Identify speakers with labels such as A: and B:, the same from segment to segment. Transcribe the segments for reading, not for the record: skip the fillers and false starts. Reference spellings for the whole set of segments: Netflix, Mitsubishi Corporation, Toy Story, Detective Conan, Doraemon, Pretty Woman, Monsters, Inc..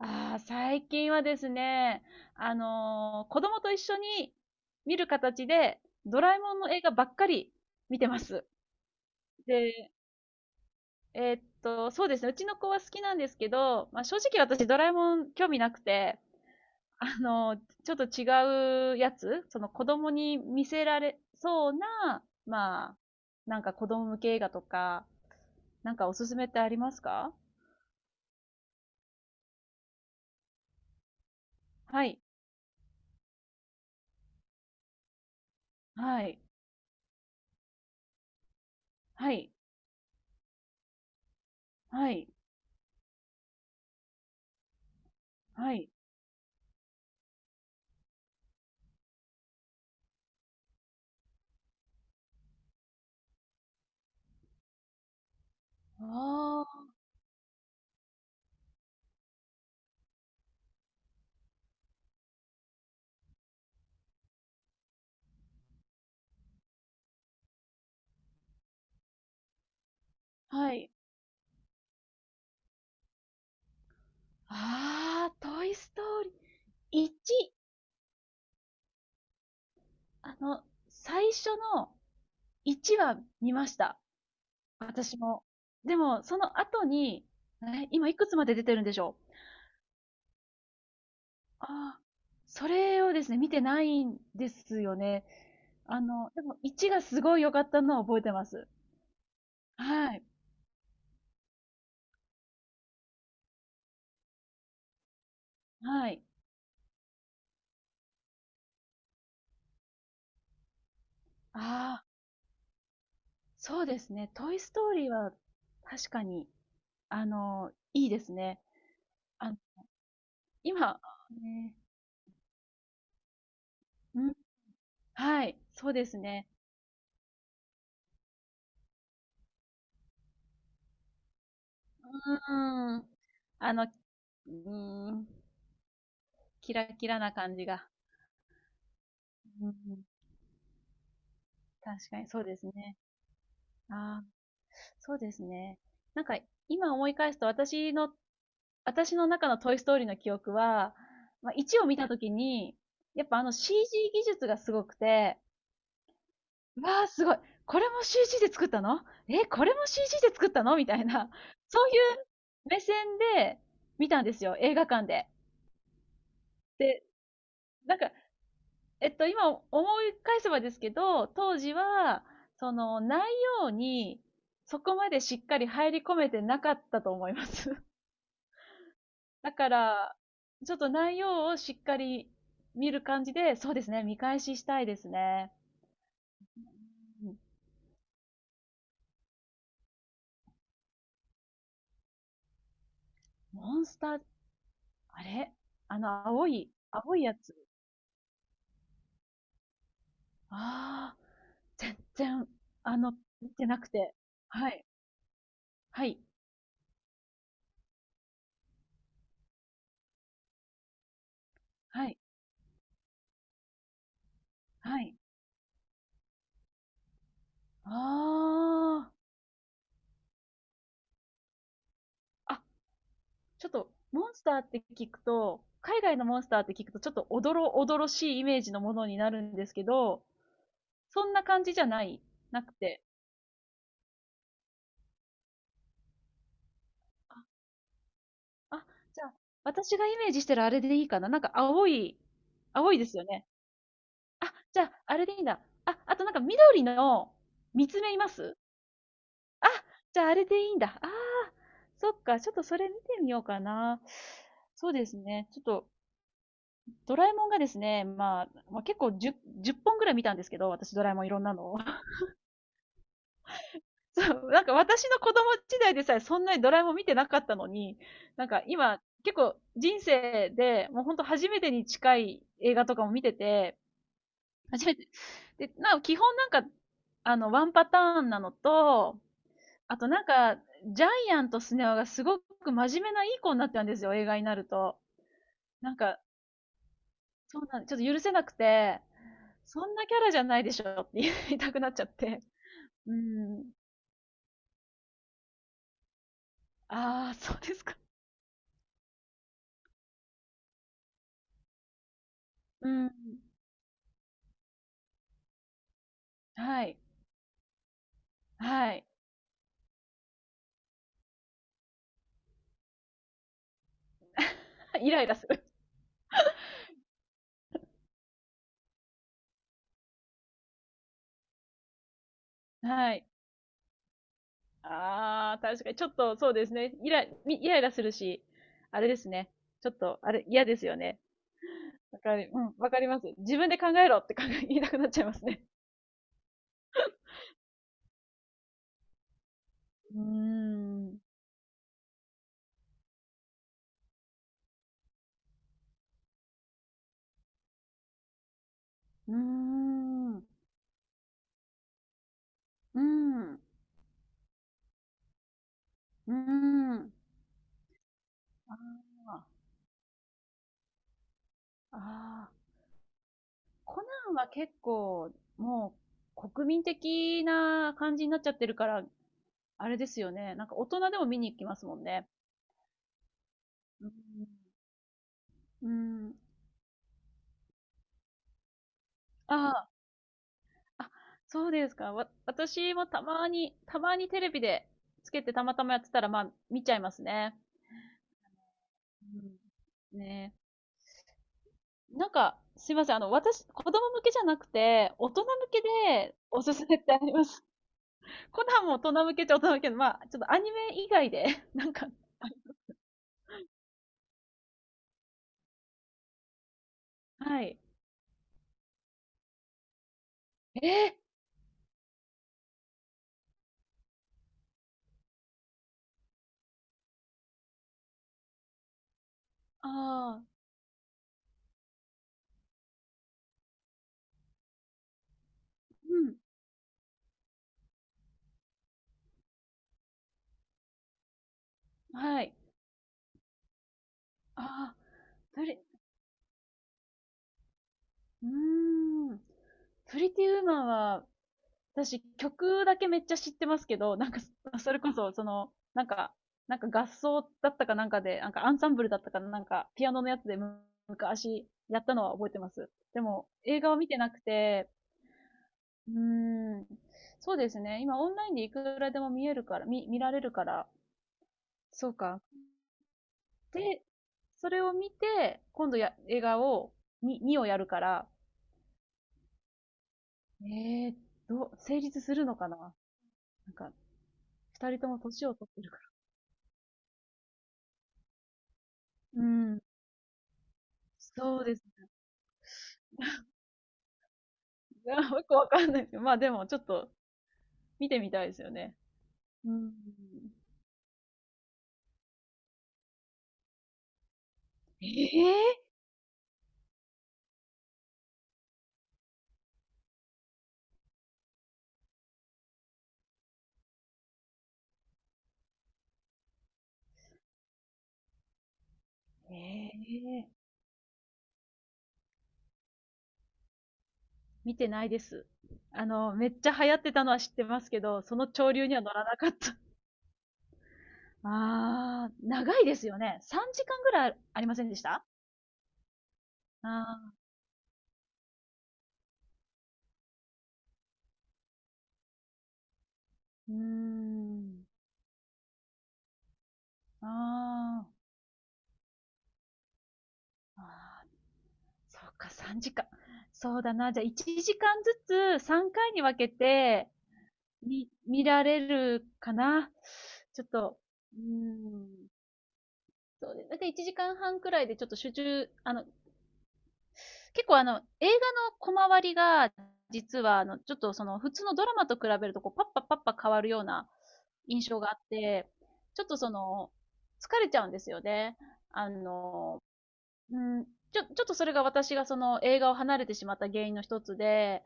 A: ああ、最近はですね、子供と一緒に見る形で、ドラえもんの映画ばっかり見てます。で、そうですね、うちの子は好きなんですけど、まあ、正直私ドラえもん興味なくて、ちょっと違うやつ、その子供に見せられそうな、まあ、なんか子供向け映画とか、なんかおすすめってありますか？はい、はい、はい、はい、はい。ああ、はい。ああ、トイストーリー。1、あの、最初の1は見ました。私も。でも、その後に、え、今いくつまで出てるんでしょう？ああ、それをですね、見てないんですよね。でも1がすごい良かったのを覚えてます。はい。はい。ああ、そうですね。トイストーリーは確かに、いいですね。あ、今、ね、うん、はい、そうですね。うん。うん、キラキラな感じが。うん、確かにそうですね。ああ、そうですね。なんか、今思い返すと私の中のトイストーリーの記憶は、まあ、1を見たときに、やっぱCG 技術がすごくて、わあ、すごい。これも CG で作ったの？え、これも CG で作ったのみたいな、そういう目線で見たんですよ、映画館で。で、なんか、今思い返せばですけど、当時は、その内容にそこまでしっかり入り込めてなかったと思います。だから、ちょっと内容をしっかり見る感じで、そうですね、見返ししたいですね。うん。モンスター、あれ、青いやつ。ああ、全然、あの、見てなくて。はい、はい、はい、はい。ああ。ちょっと、モンスターって聞くと、海外のモンスターって聞くと、ちょっとおどろおどろしいイメージのものになるんですけど、そんな感じじゃないなくて。あじゃあ、私がイメージしてるあれでいいかな。なんか青い、青いですよね。あ、じゃあ、あれでいいんだ。あ、あとなんか緑の、見つめいます。あ、じゃああれでいいんだ。ああ、そっか、ちょっとそれ見てみようかな。そうですね。ちょっと、ドラえもんがですね、まあ、結構 10, 本ぐらい見たんですけど、私ドラえもんいろんなのを。そう、なんか私の子供時代でさえそんなにドラえもん見てなかったのに、なんか今結構人生でもうほんと初めてに近い映画とかも見てて、初めて。で、基本なんか、ワンパターンなのと、あとなんか、ジャイアンとスネ夫がすごく真面目ないい子になったんですよ、映画になると。なんか、そうなん、ちょっと許せなくて、そんなキャラじゃないでしょって言いたくなっちゃって。うん。ああ、そうですか。うん。はい。はい。イライラする。はい。ああ、確かに。ちょっと、そうですね。イライラするし、あれですね。ちょっと、あれ、嫌ですよね。わかり、うん、わかります。自分で考えろって言いたくなっちゃいますね。うーん。うーん。うーん。うーん。ああ。ああ。コナンは結構、もう、国民的な感じになっちゃってるから、あれですよね。なんか大人でも見に行きますもんね。うん。うん。ああ、あ、そうですか。私もたまにテレビでつけてたまたまやってたら、まあ、見ちゃいますね。うん。ねえ。なんか、すいません。私、子供向けじゃなくて、大人向けでおすすめってあります？コナンも大人向けっちゃ大人向けの、まあ、ちょっとアニメ以外で、なんか、はい。えーああ、うん、はい。ああ、プリ、うーん。プリティウーマンは、私曲だけめっちゃ知ってますけど、なんか、それこそ、なんか、なんか合奏だったかなんかで、なんかアンサンブルだったかなんか、ピアノのやつで昔やったのは覚えてます。でも、映画は見てなくて、うーん、そうですね。今オンラインでいくらでも見えるから、見られるから、そうか、で、それを見て、今度や、映画を、に、2をやるから、えー、どう、成立するのかな。なんか、二人とも年を取ってるから。うん。そうですね。いやよくわかんないですけど、まあでも、ちょっと、見てみたいですよね。うん。ええええ。見てないです。めっちゃ流行ってたのは知ってますけど、その潮流には乗らなかった。ああ、長いですよね。3時間ぐらいありませんでした？ああー、うーん。ああ、ああ、そうか、3時間。そうだな。じゃあ、1時間ずつ3回に分けて見られるかな。ちょっと、うーん。そうで、だいたい1時間半くらいでちょっと集中、結構映画の小回りが、実はちょっと普通のドラマと比べると、こう、パッパパッパ変わるような印象があって、ちょっと疲れちゃうんですよね。あの、うん、ちょっとそれが私がその映画を離れてしまった原因の一つで、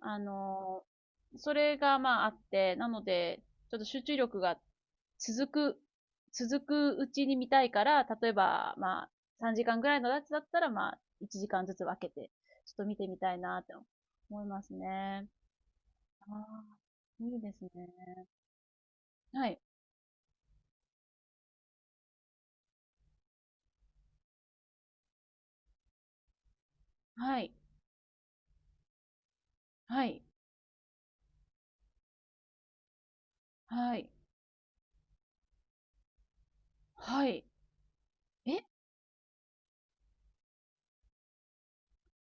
A: あの、それがまああって、なので、ちょっと集中力が続く、続くうちに見たいから、例えばまあ3時間ぐらいのやつだったらまあ1時間ずつ分けて、ちょっと見てみたいなって思いますね。ああ、いいですね。はい、はい、はい、はい、はい。え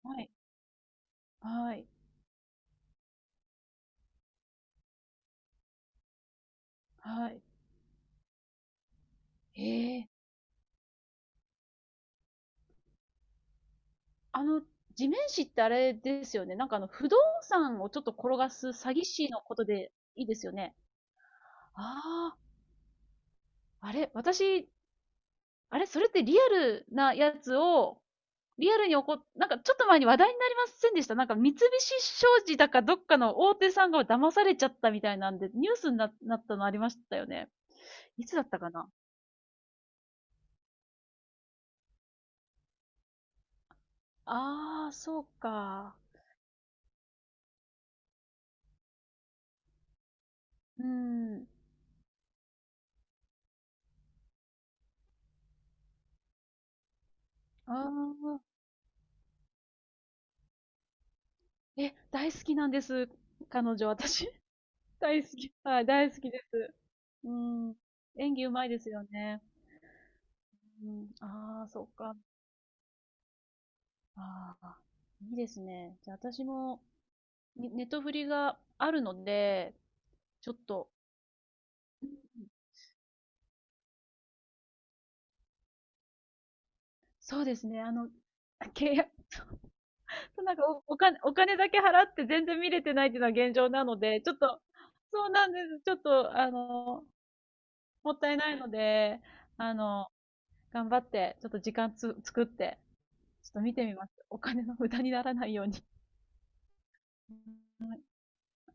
A: はい、はい、はい。へえ。あの、地面師ってあれですよね。なんか不動産をちょっと転がす詐欺師のことでいいですよね。ああ、あれ、私、あれ、それってリアルなやつを、リアルに起こっ、なんかちょっと前に話題になりませんでした？なんか三菱商事だかどっかの大手さんが騙されちゃったみたいなんで、ニュースになったのありましたよね。いつだったかな。ああ、そうか。うん。ああ、え、大好きなんです。彼女、私。大好き。はい、大好きです。うん。演技うまいですよね。うん。ああ、そっか。ああ、いいですね。じゃあ私も、ねネットフリがあるので、ちょっと、そうですね。契約、そうなんかお金だけ払って全然見れてないっていうのは現状なので、ちょっと、そうなんです。ちょっと、もったいないので、あの、頑張って、ちょっと時間作って、ちょっと見てみます。お金の無駄にならないように。うん